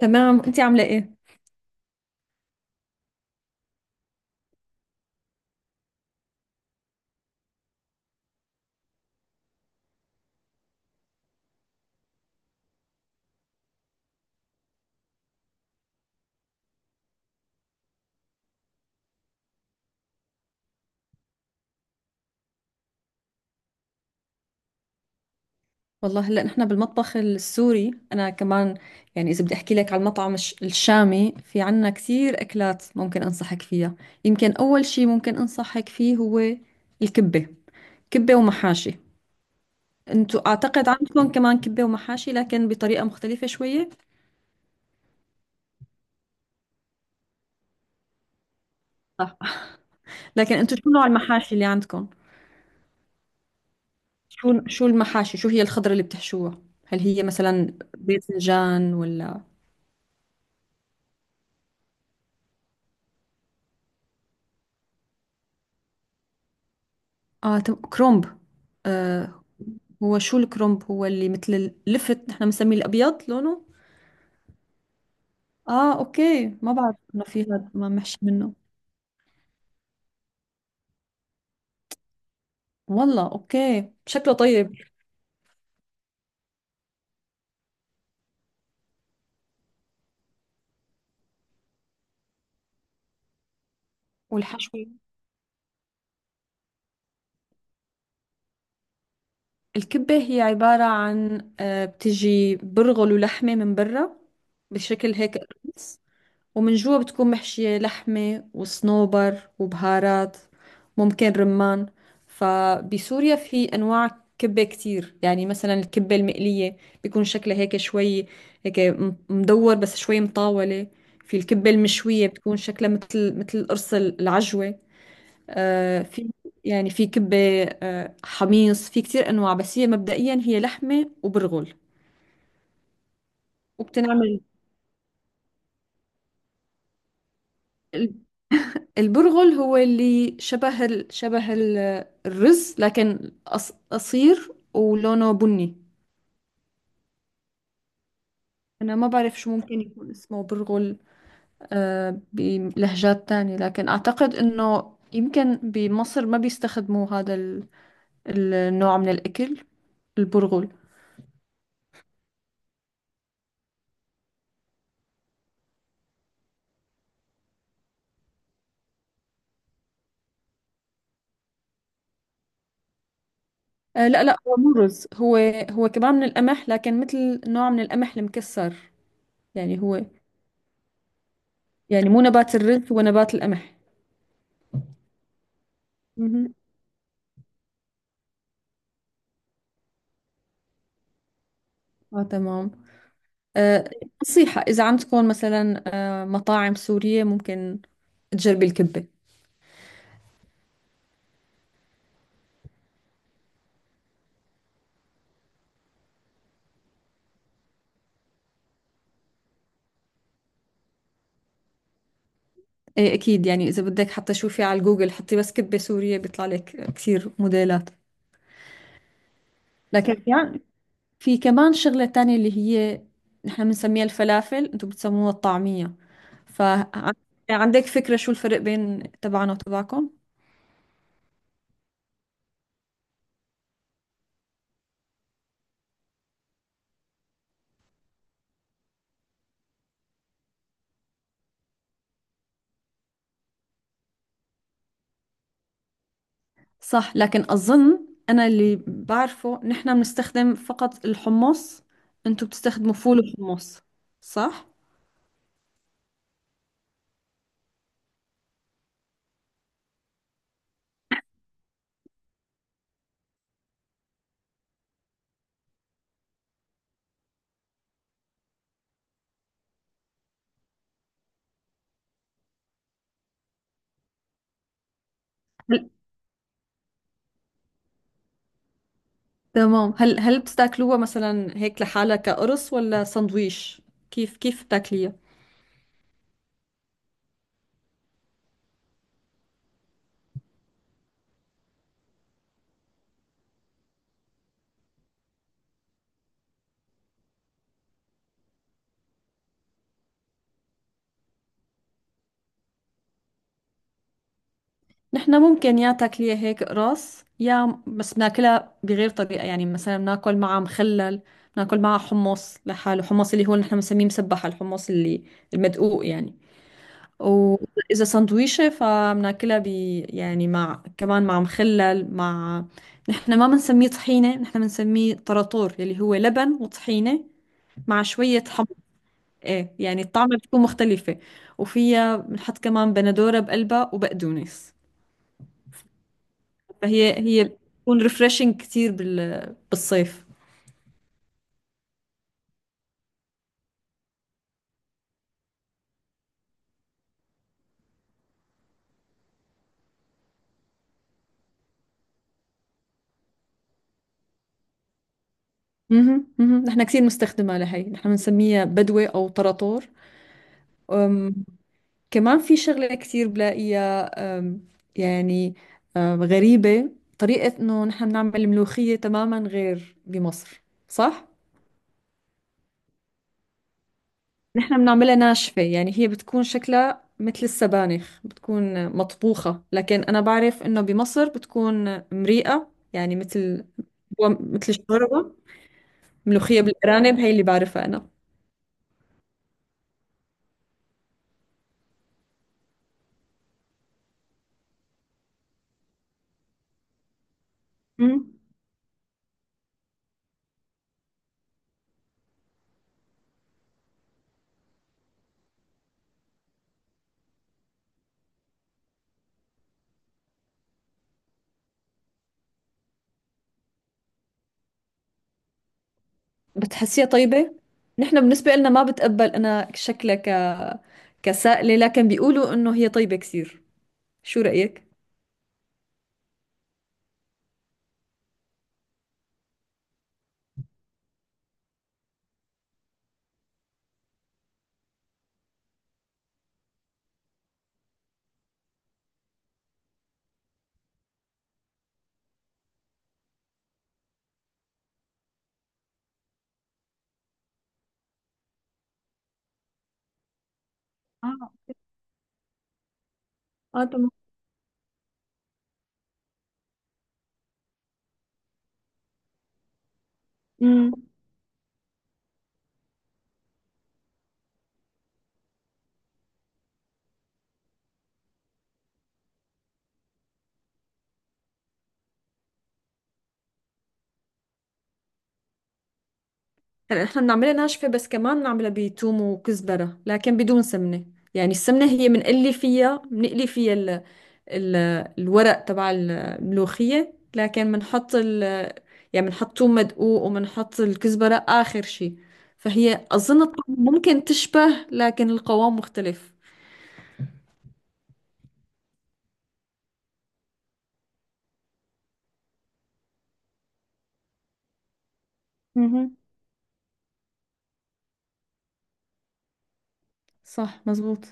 تمام، انت عامله ايه؟ والله هلا نحن بالمطبخ السوري انا كمان. يعني اذا بدي احكي لك على المطعم الشامي، في عنا كثير اكلات ممكن انصحك فيها. يمكن اول شيء ممكن انصحك فيه هو الكبه. كبه ومحاشي. انتوا اعتقد عندكم كمان كبه ومحاشي لكن بطريقه مختلفه شويه. صح. لكن انتوا شو نوع المحاشي اللي عندكم؟ شو المحاشي؟ شو هي الخضره اللي بتحشوها؟ هل هي مثلا باذنجان ولا؟ اه، كرومب. آه، هو شو الكرومب؟ هو اللي مثل اللفت، نحن بنسميه الابيض لونه. اه اوكي، ما بعرف انه في هذا ما محشي منه. والله اوكي، شكله طيب. والحشو؟ الكبة هي عبارة عن بتجي برغل ولحمة من برا، بشكل هيك. ومن جوا بتكون محشية لحمة وصنوبر وبهارات، ممكن رمان. فبسوريا في أنواع كبة كتير. يعني مثلا الكبة المقلية بيكون شكلها هيك شوي، هيك مدور بس شوي مطاولة. في الكبة المشوية بتكون شكلها مثل القرص العجوة. آه، في. يعني في كبة آه حميص، في كتير أنواع. بس هي مبدئيا هي لحمة وبرغل، وبتنعمل. البرغل هو اللي شبه الرز، لكن قصير ولونه بني. أنا ما بعرف شو ممكن يكون اسمه برغل آه بلهجات تانية، لكن أعتقد إنه يمكن بمصر ما بيستخدموا النوع من الأكل، البرغل. آه، لا، هو مو رز. هو هو كمان من القمح، لكن مثل نوع من القمح المكسر. يعني هو، يعني مو نبات الرز، هو نبات القمح. مهم. اه تمام. آه، نصيحة: إذا عم تكون مثلا مطاعم سورية، ممكن تجربي الكبة. إيه أكيد. يعني إذا بدك حتى، شوفي على جوجل، حطي بس كبة سورية، بيطلع لك كثير موديلات. لكن في كمان شغلة تانية، اللي هي نحن بنسميها الفلافل أنتم بتسموها الطعمية. فعندك فكرة شو الفرق بين تبعنا وتبعكم؟ صح، لكن أظن أنا اللي بعرفه نحن بنستخدم فقط الحمص، أنتم بتستخدموا فول وحمص. صح؟ تمام، هل بتاكلوها مثلا هيك لحالها كقرص ولا سندويش؟ كيف بتاكليها؟ نحن ممكن يا تاكليها هيك قرص، يا بس بناكلها بغير طريقة. يعني مثلا بناكل معها مخلل، بناكل معها حمص لحاله، حمص اللي هو نحن بنسميه مسبح، الحمص اللي المدقوق يعني. وإذا سندويشة فبناكلها ب، يعني مع كمان مع مخلل، مع، نحن ما بنسميه طحينة، نحن بنسميه طراطور، اللي هو لبن وطحينة مع شوية حمص. ايه، يعني الطعمة بتكون مختلفة. وفيها بنحط كمان بندورة بقلبها وبقدونس. فهي هي بتكون ريفرشنج كتير بالصيف. اها اها، نحن كثير مستخدمة لهي، نحن بنسميها بدوة أو طراطور. أم، كمان في شغلة كثير بلاقيها، أم، يعني، غريبة، طريقة إنه نحن بنعمل ملوخية تماما غير بمصر. صح؟ نحن بنعملها ناشفة، يعني هي بتكون شكلها مثل السبانخ، بتكون مطبوخة. لكن أنا بعرف إنه بمصر بتكون مريئة، يعني مثل، هو مثل الشوربة. ملوخية بالأرانب هي اللي بعرفها أنا. مم. بتحسيها طيبة؟ نحن بالنسبة لنا ما بتقبل أنا شكلها ك، كسائلة، لكن بيقولوا إنه هي طيبة كثير. شو رأيك؟ اه، اه تمام. مم. هلا نحن بنعملها ناشفة، بس كمان بنعملها بتوم وكزبرة لكن بدون سمنة. يعني السمنة هي بنقلي فيها ال الورق تبع الملوخية. لكن بنحط ال، يعني بنحط توم مدقوق وبنحط الكزبرة آخر شي. فهي أظن الطعم ممكن تشبه، لكن القوام مختلف. مهم. صح مزبوط.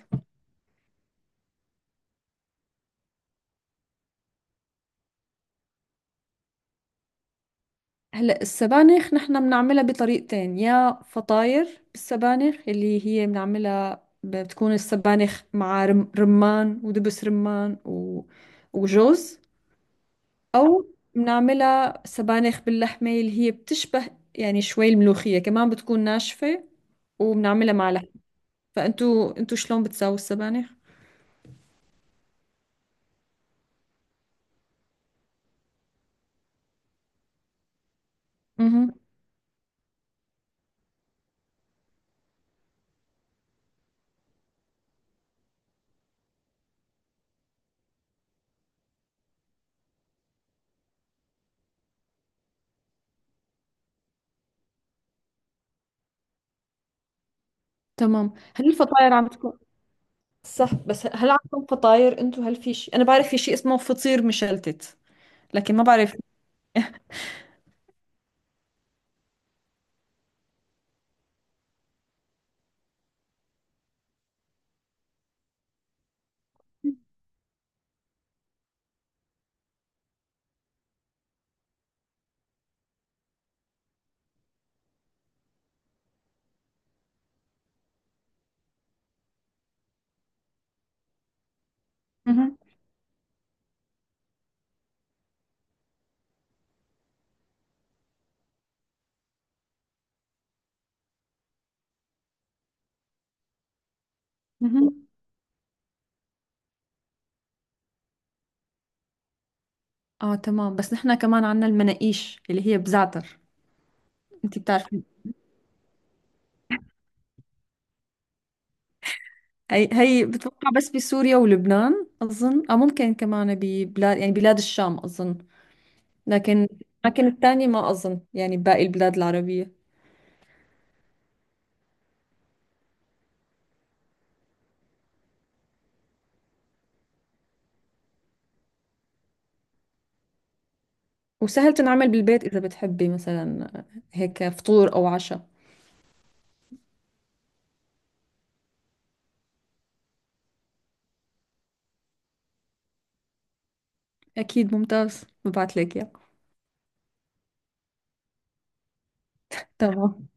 هلا السبانخ نحن بنعملها بطريقتين: يا فطاير بالسبانخ، اللي هي بنعملها بتكون السبانخ مع رمان ودبس رمان و... وجوز. او بنعملها سبانخ باللحمة، اللي هي بتشبه يعني شوي الملوخية، كمان بتكون ناشفة وبنعملها مع لحمة. فانتوا شلون بتساووا السبانخ؟ اها تمام. هل الفطاير عم تكون، صح بس هل عندكم فطاير انتوا؟ هل في شيء، انا بعرف في شيء اسمه فطير مشلتت لكن ما بعرف. مهم. مهم. اه تمام. بس نحن كمان عنا المناقيش اللي هي بزعتر. انت بتعرفي؟ هي بتوقع بس بسوريا ولبنان اظن، او ممكن كمان ببلاد، يعني بلاد الشام اظن. لكن، لكن الثانية ما اظن يعني بباقي البلاد العربية. وسهل تنعمل بالبيت، اذا بتحبي مثلا هيك فطور او عشاء. اكيد، ممتاز، ببعت لك اياه. تمام.